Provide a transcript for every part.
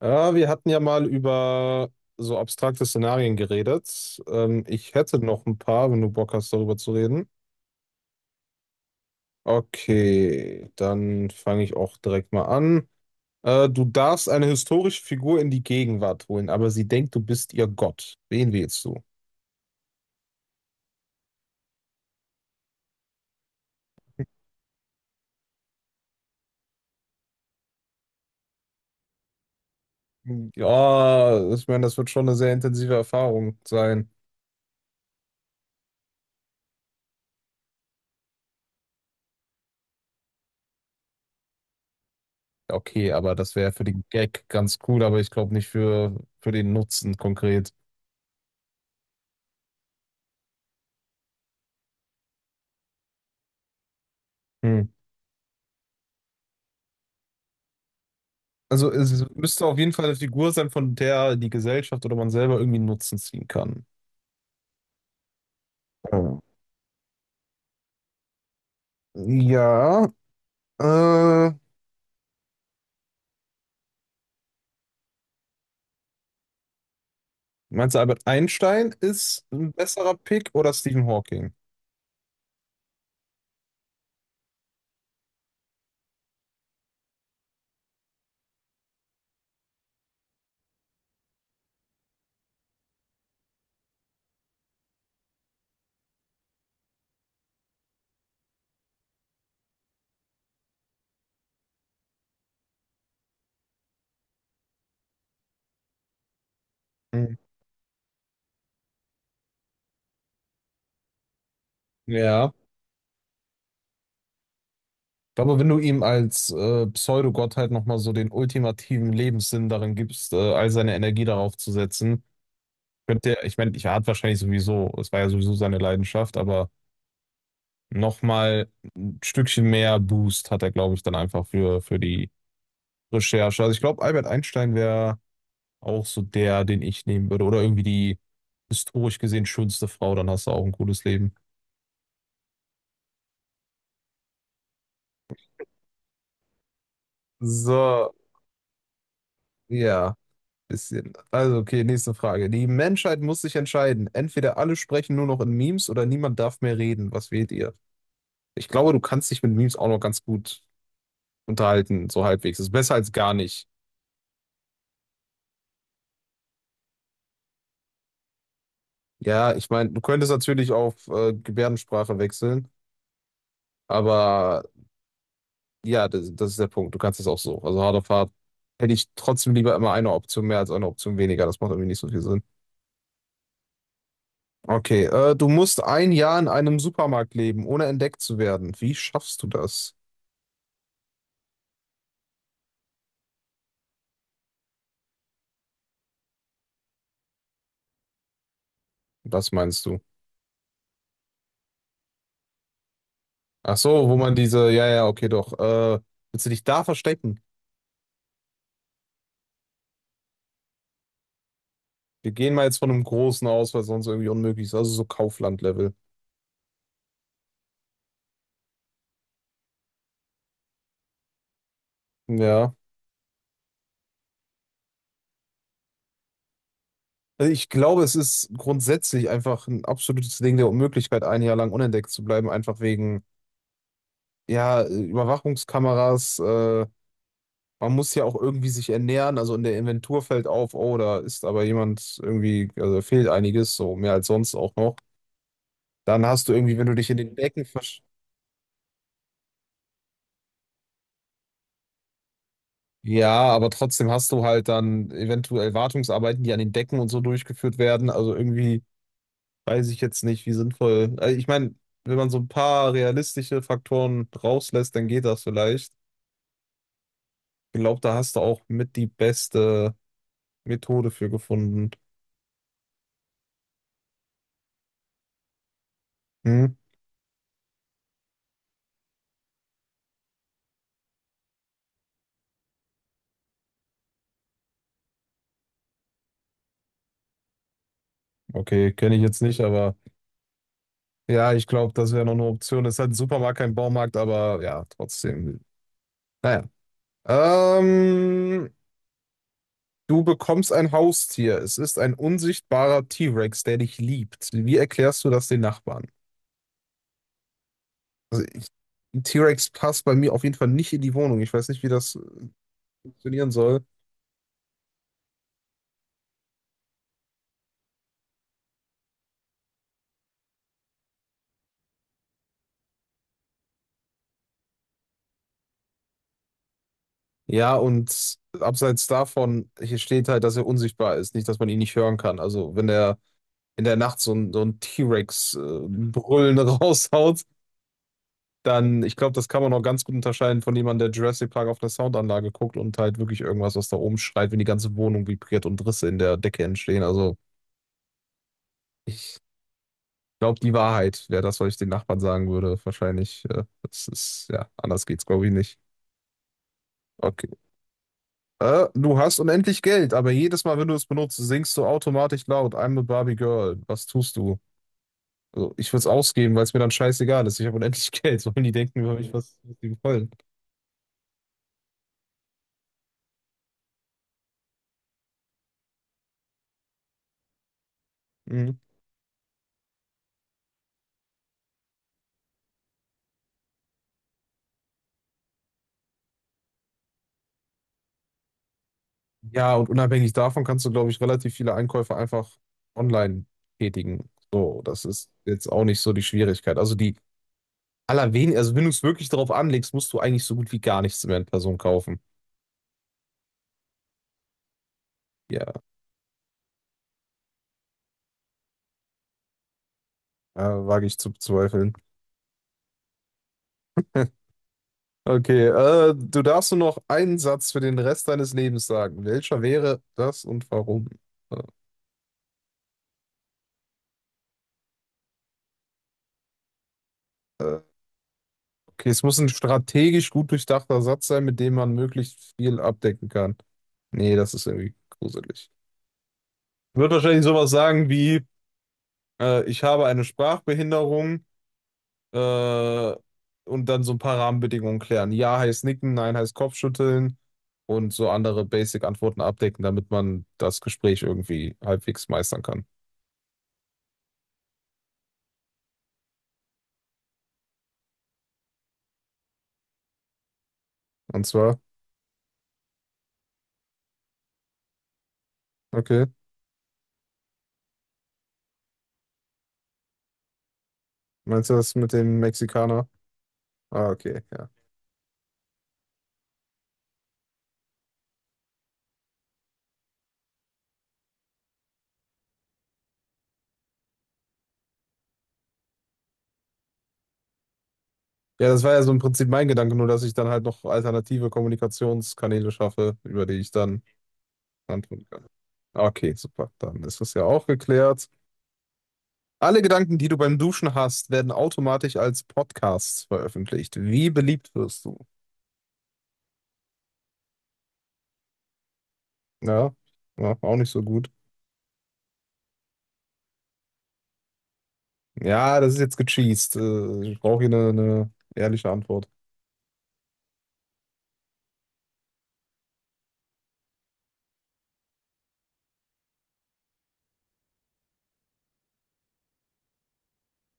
Ja, wir hatten ja mal über so abstrakte Szenarien geredet. Ich hätte noch ein paar, wenn du Bock hast, darüber zu reden. Okay, dann fange ich auch direkt mal an. Du darfst eine historische Figur in die Gegenwart holen, aber sie denkt, du bist ihr Gott. Wen wählst du? Ja, ich meine, das wird schon eine sehr intensive Erfahrung sein. Ja, okay, aber das wäre für den Gag ganz cool, aber ich glaube nicht für den Nutzen konkret. Hm. Also es müsste auf jeden Fall eine Figur sein, von der die Gesellschaft oder man selber irgendwie einen Nutzen ziehen kann. Oh. Ja, äh, meinst du, Albert Einstein ist ein besserer Pick oder Stephen Hawking? Hm. Ja. Aber wenn du ihm als Pseudogottheit nochmal so den ultimativen Lebenssinn darin gibst, all seine Energie darauf zu setzen, könnte er, ich meine, ich er hat wahrscheinlich sowieso, es war ja sowieso seine Leidenschaft, aber nochmal ein Stückchen mehr Boost hat er, glaube ich, dann einfach für die Recherche. Also ich glaube, Albert Einstein wäre auch so der, den ich nehmen würde. Oder irgendwie die historisch gesehen schönste Frau, dann hast du auch ein cooles Leben. So, ja, bisschen. Also, okay, nächste Frage. Die Menschheit muss sich entscheiden. Entweder alle sprechen nur noch in Memes oder niemand darf mehr reden. Was wählt ihr? Ich glaube, du kannst dich mit Memes auch noch ganz gut unterhalten, so halbwegs. Ist besser als gar nicht. Ja, ich meine, du könntest natürlich auf Gebärdensprache wechseln, aber Ja, das ist der Punkt. Du kannst es auch so. Also harte Fahrt hätte ich trotzdem lieber immer eine Option mehr als eine Option weniger. Das macht irgendwie nicht so viel Sinn. Okay, du musst ein Jahr in einem Supermarkt leben, ohne entdeckt zu werden. Wie schaffst du das? Das meinst du? Ach so, wo man diese, ja, ja, okay, doch. Willst du dich da verstecken? Wir gehen mal jetzt von einem großen aus, weil sonst irgendwie unmöglich ist. Also so Kaufland-Level. Ja. Also ich glaube, es ist grundsätzlich einfach ein absolutes Ding der Unmöglichkeit, ein Jahr lang unentdeckt zu bleiben, einfach wegen ja, Überwachungskameras, man muss ja auch irgendwie sich ernähren. Also in der Inventur fällt auf, oh, da ist aber jemand irgendwie, also fehlt einiges, so mehr als sonst auch noch. Dann hast du irgendwie, wenn du dich in den Decken versch... Ja, aber trotzdem hast du halt dann eventuell Wartungsarbeiten, die an den Decken und so durchgeführt werden. Also irgendwie weiß ich jetzt nicht, wie sinnvoll. Also ich meine, wenn man so ein paar realistische Faktoren rauslässt, dann geht das vielleicht. Ich glaube, da hast du auch mit die beste Methode für gefunden. Hm? Okay, kenne ich jetzt nicht, aber ja, ich glaube, das wäre noch eine Option. Ist halt ein Supermarkt, kein Baumarkt, aber ja, trotzdem. Naja. Ähm, Du bekommst ein Haustier. Es ist ein unsichtbarer T-Rex, der dich liebt. Wie erklärst du das den Nachbarn? Also ich, ein T-Rex passt bei mir auf jeden Fall nicht in die Wohnung. Ich weiß nicht, wie das funktionieren soll. Ja, und abseits davon, hier steht halt, dass er unsichtbar ist, nicht, dass man ihn nicht hören kann. Also wenn der in der Nacht so ein T-Rex Brüllen raushaut, dann, ich glaube, das kann man auch ganz gut unterscheiden von jemandem, der Jurassic Park auf einer Soundanlage guckt und halt wirklich irgendwas, was da oben schreit, wenn die ganze Wohnung vibriert und Risse in der Decke entstehen. Also, ich glaube, die Wahrheit wäre das, was ich den Nachbarn sagen würde. Wahrscheinlich, das ist, ja, anders geht's, glaube ich, nicht. Okay. Du hast unendlich Geld, aber jedes Mal, wenn du es benutzt, singst du automatisch laut, I'm a Barbie Girl. Was tust du? Also, ich würde es ausgeben, weil es mir dann scheißegal ist. Ich habe unendlich Geld. Sollen die denken über mich, was die wollen? Mhm. Ja, und unabhängig davon kannst du, glaube ich, relativ viele Einkäufe einfach online tätigen. So, das ist jetzt auch nicht so die Schwierigkeit. Also die allerwenig, also wenn du es wirklich darauf anlegst, musst du eigentlich so gut wie gar nichts mehr in Person kaufen. Ja, wage ich zu bezweifeln. Okay, du darfst nur noch einen Satz für den Rest deines Lebens sagen. Welcher wäre das und warum? Äh, okay, es muss ein strategisch gut durchdachter Satz sein, mit dem man möglichst viel abdecken kann. Nee, das ist irgendwie gruselig. Wird wahrscheinlich sowas sagen wie, ich habe eine Sprachbehinderung, äh, und dann so ein paar Rahmenbedingungen klären. Ja heißt nicken, nein heißt Kopfschütteln und so andere Basic-Antworten abdecken, damit man das Gespräch irgendwie halbwegs meistern kann. Und zwar, okay, meinst du das mit dem Mexikaner? Ah, okay, ja. Ja, das war ja so im Prinzip mein Gedanke, nur dass ich dann halt noch alternative Kommunikationskanäle schaffe, über die ich dann antworten kann. Okay, super, dann ist das ja auch geklärt. Alle Gedanken, die du beim Duschen hast, werden automatisch als Podcasts veröffentlicht. Wie beliebt wirst du? Ja, ja, auch nicht so gut. Ja, das ist jetzt gecheast. Ich brauche hier eine ehrliche Antwort.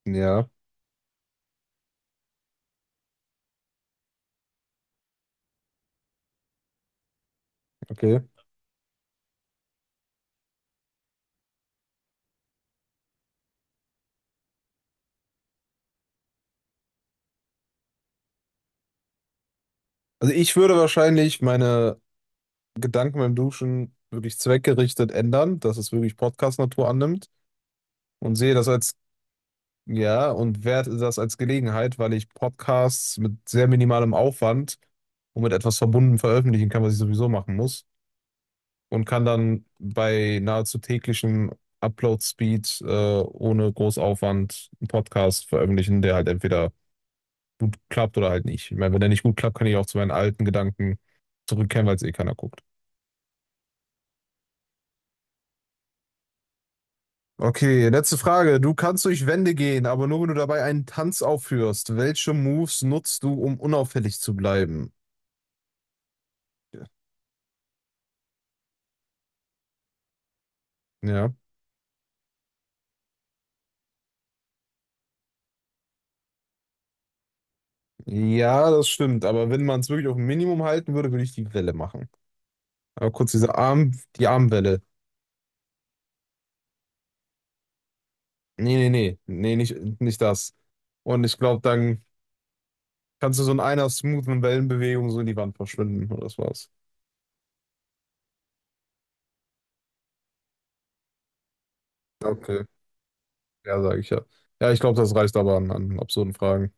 Ja, okay. Also ich würde wahrscheinlich meine Gedanken beim Duschen wirklich zweckgerichtet ändern, dass es wirklich Podcast-Natur annimmt und sehe das als, ja, und werte das als Gelegenheit, weil ich Podcasts mit sehr minimalem Aufwand und mit etwas verbunden veröffentlichen kann, was ich sowieso machen muss, und kann dann bei nahezu täglichen Upload-Speed ohne groß Aufwand einen Podcast veröffentlichen, der halt entweder gut klappt oder halt nicht. Ich meine, wenn der nicht gut klappt, kann ich auch zu meinen alten Gedanken zurückkehren, weil es eh keiner guckt. Okay, letzte Frage. Du kannst durch Wände gehen, aber nur wenn du dabei einen Tanz aufführst. Welche Moves nutzt du, um unauffällig zu bleiben? Ja. Ja, das stimmt. Aber wenn man es wirklich auf ein Minimum halten würde, würde ich die Welle machen. Aber kurz diese Arm, die Armwelle. Nee, nee, nee, nee, nicht das. Und ich glaube, dann kannst du so in einer smoothen Wellenbewegung so in die Wand verschwinden und das war's. Okay. Ja, sage ich ja. Ja, ich glaube, das reicht aber an, an absurden Fragen.